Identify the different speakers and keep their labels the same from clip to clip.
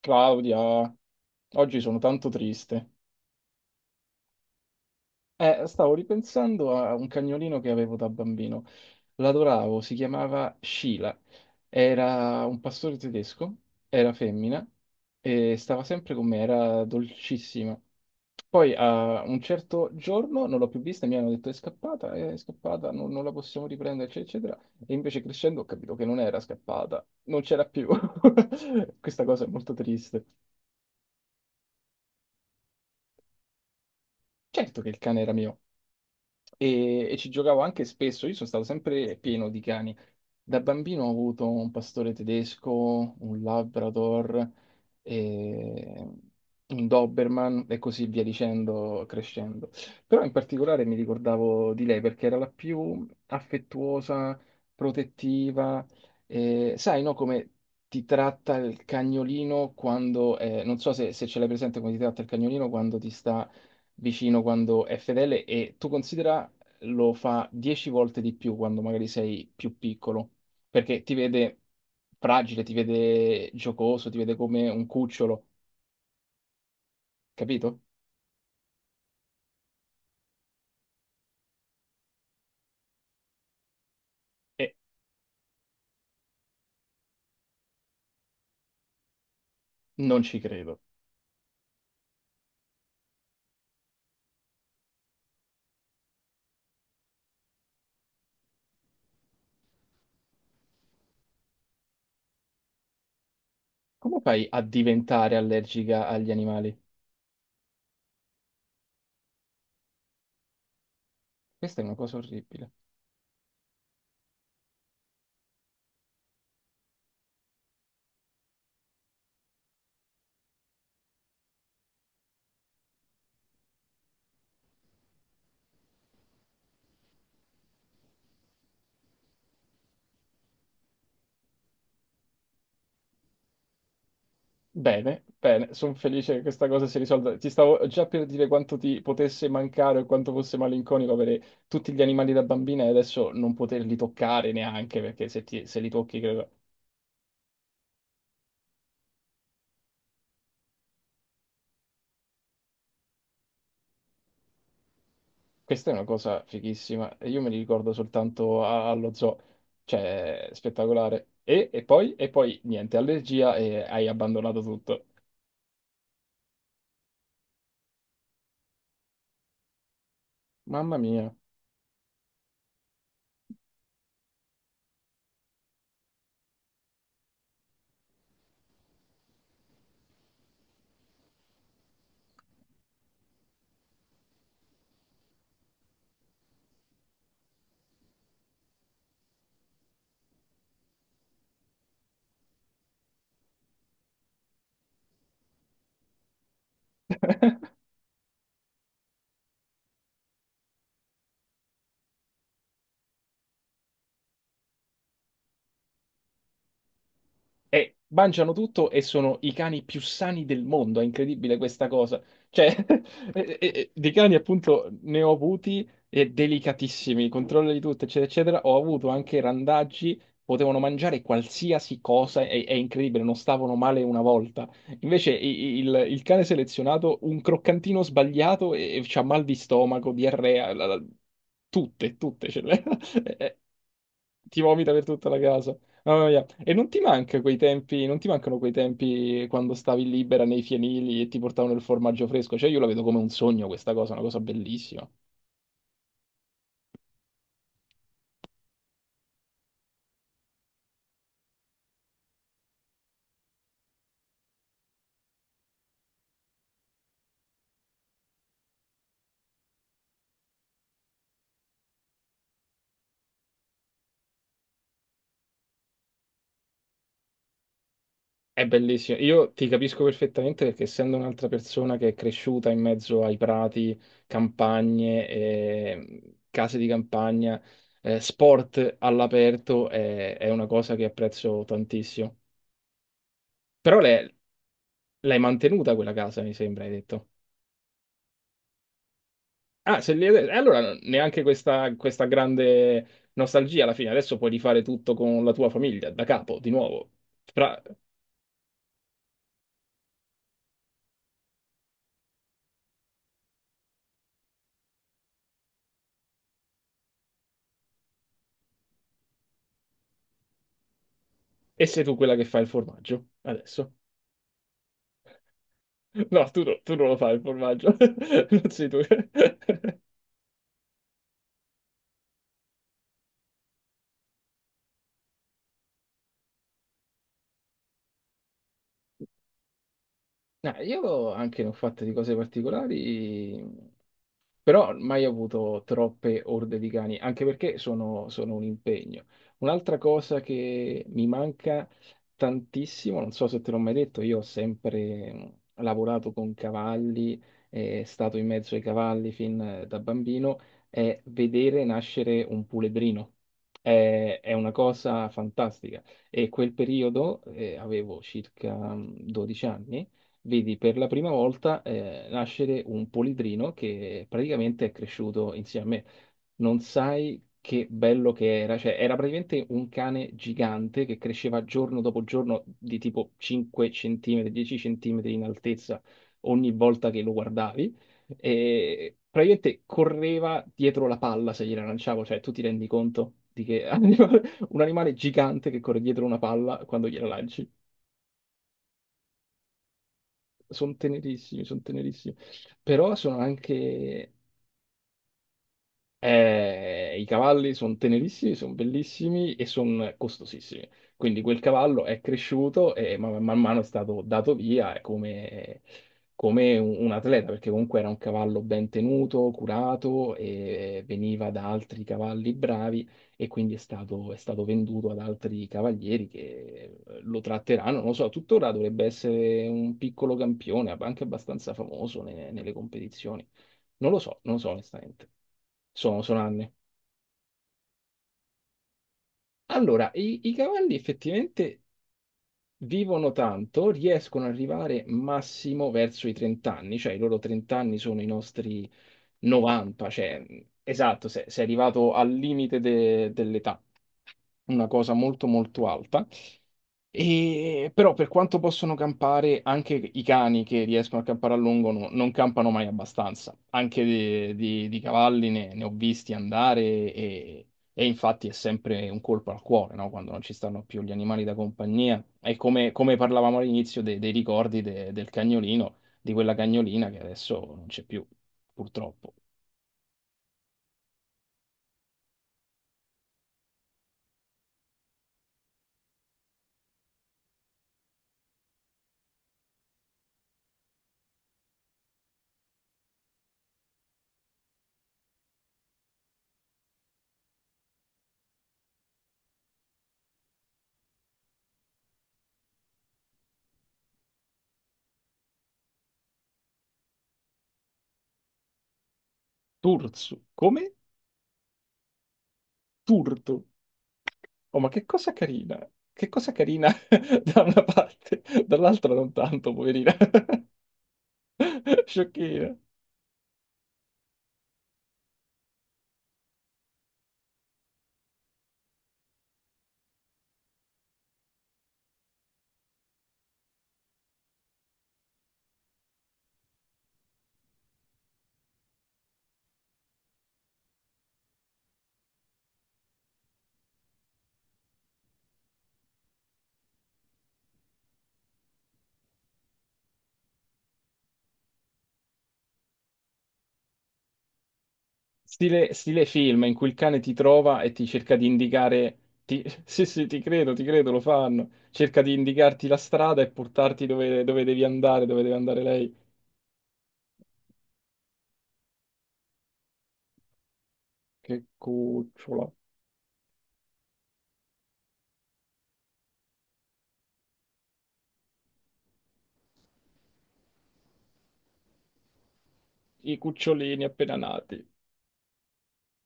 Speaker 1: Claudia, oggi sono tanto triste. Stavo ripensando a un cagnolino che avevo da bambino. L'adoravo, si chiamava Sheila. Era un pastore tedesco, era femmina e stava sempre con me, era dolcissima. Poi a un certo giorno non l'ho più vista, mi hanno detto è scappata, non la possiamo riprendere, eccetera, eccetera. E invece crescendo ho capito che non era scappata, non c'era più. Questa cosa è molto triste. Certo che il cane era mio. E ci giocavo anche spesso. Io sono stato sempre pieno di cani. Da bambino ho avuto un pastore tedesco, un Labrador, e un Doberman e così via dicendo, crescendo. Però in particolare mi ricordavo di lei perché era la più affettuosa, protettiva. E sai, no, come ti tratta il cagnolino quando non so se, se ce l'hai presente come ti tratta il cagnolino quando ti sta vicino quando è fedele e tu considera lo fa 10 volte di più quando magari sei più piccolo, perché ti vede fragile, ti vede giocoso, ti vede come un cucciolo, capito? E non ci credo. Come fai a diventare allergica agli animali? Questa è una cosa orribile. Bene, bene, sono felice che questa cosa si risolva. Ti stavo già per dire quanto ti potesse mancare o quanto fosse malinconico avere tutti gli animali da bambina e adesso non poterli toccare neanche perché se, ti- se li tocchi, credo... Questa è una cosa fighissima. E io me li ricordo soltanto a- allo zoo, cioè spettacolare. E poi niente, allergia e hai abbandonato tutto. Mamma mia. E mangiano tutto e sono i cani più sani del mondo. È incredibile questa cosa. Cioè, e di cani appunto ne ho avuti e delicatissimi, controllo di tutto, eccetera, eccetera. Ho avuto anche randaggi, potevano mangiare qualsiasi cosa, è incredibile, non stavano male una volta. Invece i- i- il cane selezionato, un croccantino sbagliato e c'ha mal di stomaco, diarrea, la- la- tutte, tutte ce le- e- ti vomita per tutta la casa. Mamma mia. E non ti manca quei tempi, non ti mancano quei tempi quando stavi libera nei fienili e ti portavano il formaggio fresco? Cioè, io la vedo come un sogno questa cosa, una cosa bellissima. È bellissima. Io ti capisco perfettamente perché essendo un'altra persona che è cresciuta in mezzo ai prati, campagne, case di campagna, sport all'aperto, è una cosa che apprezzo tantissimo. Però l'hai mantenuta quella casa, mi sembra, hai detto. Ah, se li- allora no, neanche questa, questa grande nostalgia alla fine. Adesso puoi rifare tutto con la tua famiglia, da capo, di nuovo. Fra- e sei tu quella che fa il formaggio, adesso? No, no- tu non lo fai il formaggio, non sei tu. No, io anche ne ho fatte di cose particolari. Però mai avuto troppe orde di cani, anche perché sono un impegno. Un'altra cosa che mi manca tantissimo, non so se te l'ho mai detto, io ho sempre lavorato con cavalli, stato in mezzo ai cavalli fin da bambino, è vedere nascere un puledrino. È una cosa fantastica. E quel periodo, avevo circa 12 anni vedi per la prima volta nascere un polidrino che praticamente è cresciuto insieme a me. Non sai che bello che era, cioè era praticamente un cane gigante che cresceva giorno dopo giorno di tipo 5 centimetri, 10 centimetri in altezza ogni volta che lo guardavi e praticamente correva dietro la palla se gliela lanciavo, cioè tu ti rendi conto di che animale- un animale gigante che corre dietro una palla quando gliela lanci. Sono tenerissimi, sono tenerissimi, però sono anche, i cavalli sono tenerissimi, sono bellissimi e sono costosissimi. Quindi quel cavallo è cresciuto e man mano è stato dato via come, come un atleta, perché comunque era un cavallo ben tenuto, curato e veniva da altri cavalli bravi e quindi è stato venduto ad altri cavalieri che lo tratteranno. Non lo so, tuttora dovrebbe essere un piccolo campione, anche abbastanza famoso ne- nelle competizioni. Non lo so, non lo so onestamente. Sono anni. Allora, i cavalli effettivamente vivono tanto, riescono ad arrivare massimo verso i 30 anni, cioè i loro 30 anni sono i nostri 90, cioè, esatto, sei arrivato al limite de- dell'età, una cosa molto molto alta. E, però per quanto possono campare, anche i cani che riescono a campare a lungo no- non campano mai abbastanza. Anche di cavalli ne ho visti andare e, e infatti è sempre un colpo al cuore, no? Quando non ci stanno più gli animali da compagnia. E come, come parlavamo all'inizio de- dei ricordi de- del cagnolino, di quella cagnolina che adesso non c'è più, purtroppo. Turzu, come? Turtu. Oh, ma che cosa carina! Che cosa carina da una parte, dall'altra non tanto, poverina. Sciocchina. Stile, stile film in cui il cane ti trova e ti cerca di indicare. Ti- sì, sì, ti credo, lo fanno. Cerca di indicarti la strada e portarti dove, dove devi andare, dove deve andare lei. Che cucciola. I cucciolini appena nati.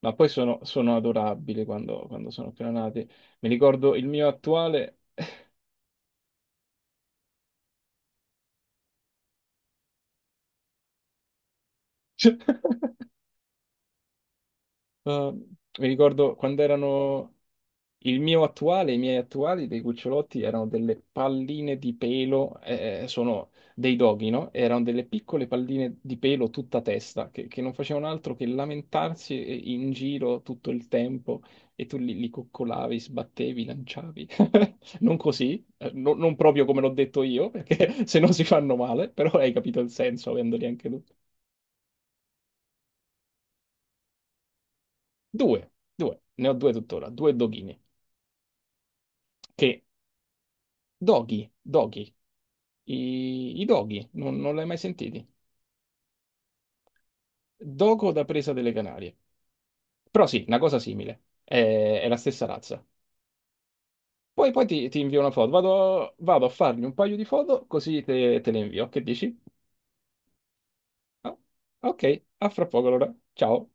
Speaker 1: Ma poi sono adorabili quando, quando sono appena nati. Mi ricordo il mio attuale. Eh, mi ricordo quando erano il mio attuale, i miei attuali dei cucciolotti erano delle palline di pelo, sono dei doghi, no? Erano delle piccole palline di pelo tutta testa che non facevano altro che lamentarsi e- in giro tutto il tempo e tu li coccolavi, sbattevi, lanciavi. Non così, no- non proprio come l'ho detto io, perché se no si fanno male, però hai capito il senso avendoli anche tu. Due, ne ho due tuttora, due doghini che doghi, doghi, i doghi, non l'hai mai sentiti? Dogo da presa delle Canarie. Però sì, una cosa simile, è la stessa razza. Poi ti invio una foto, vado a fargli un paio di foto così te le invio, che dici? Ah, ok, a fra poco allora, ciao.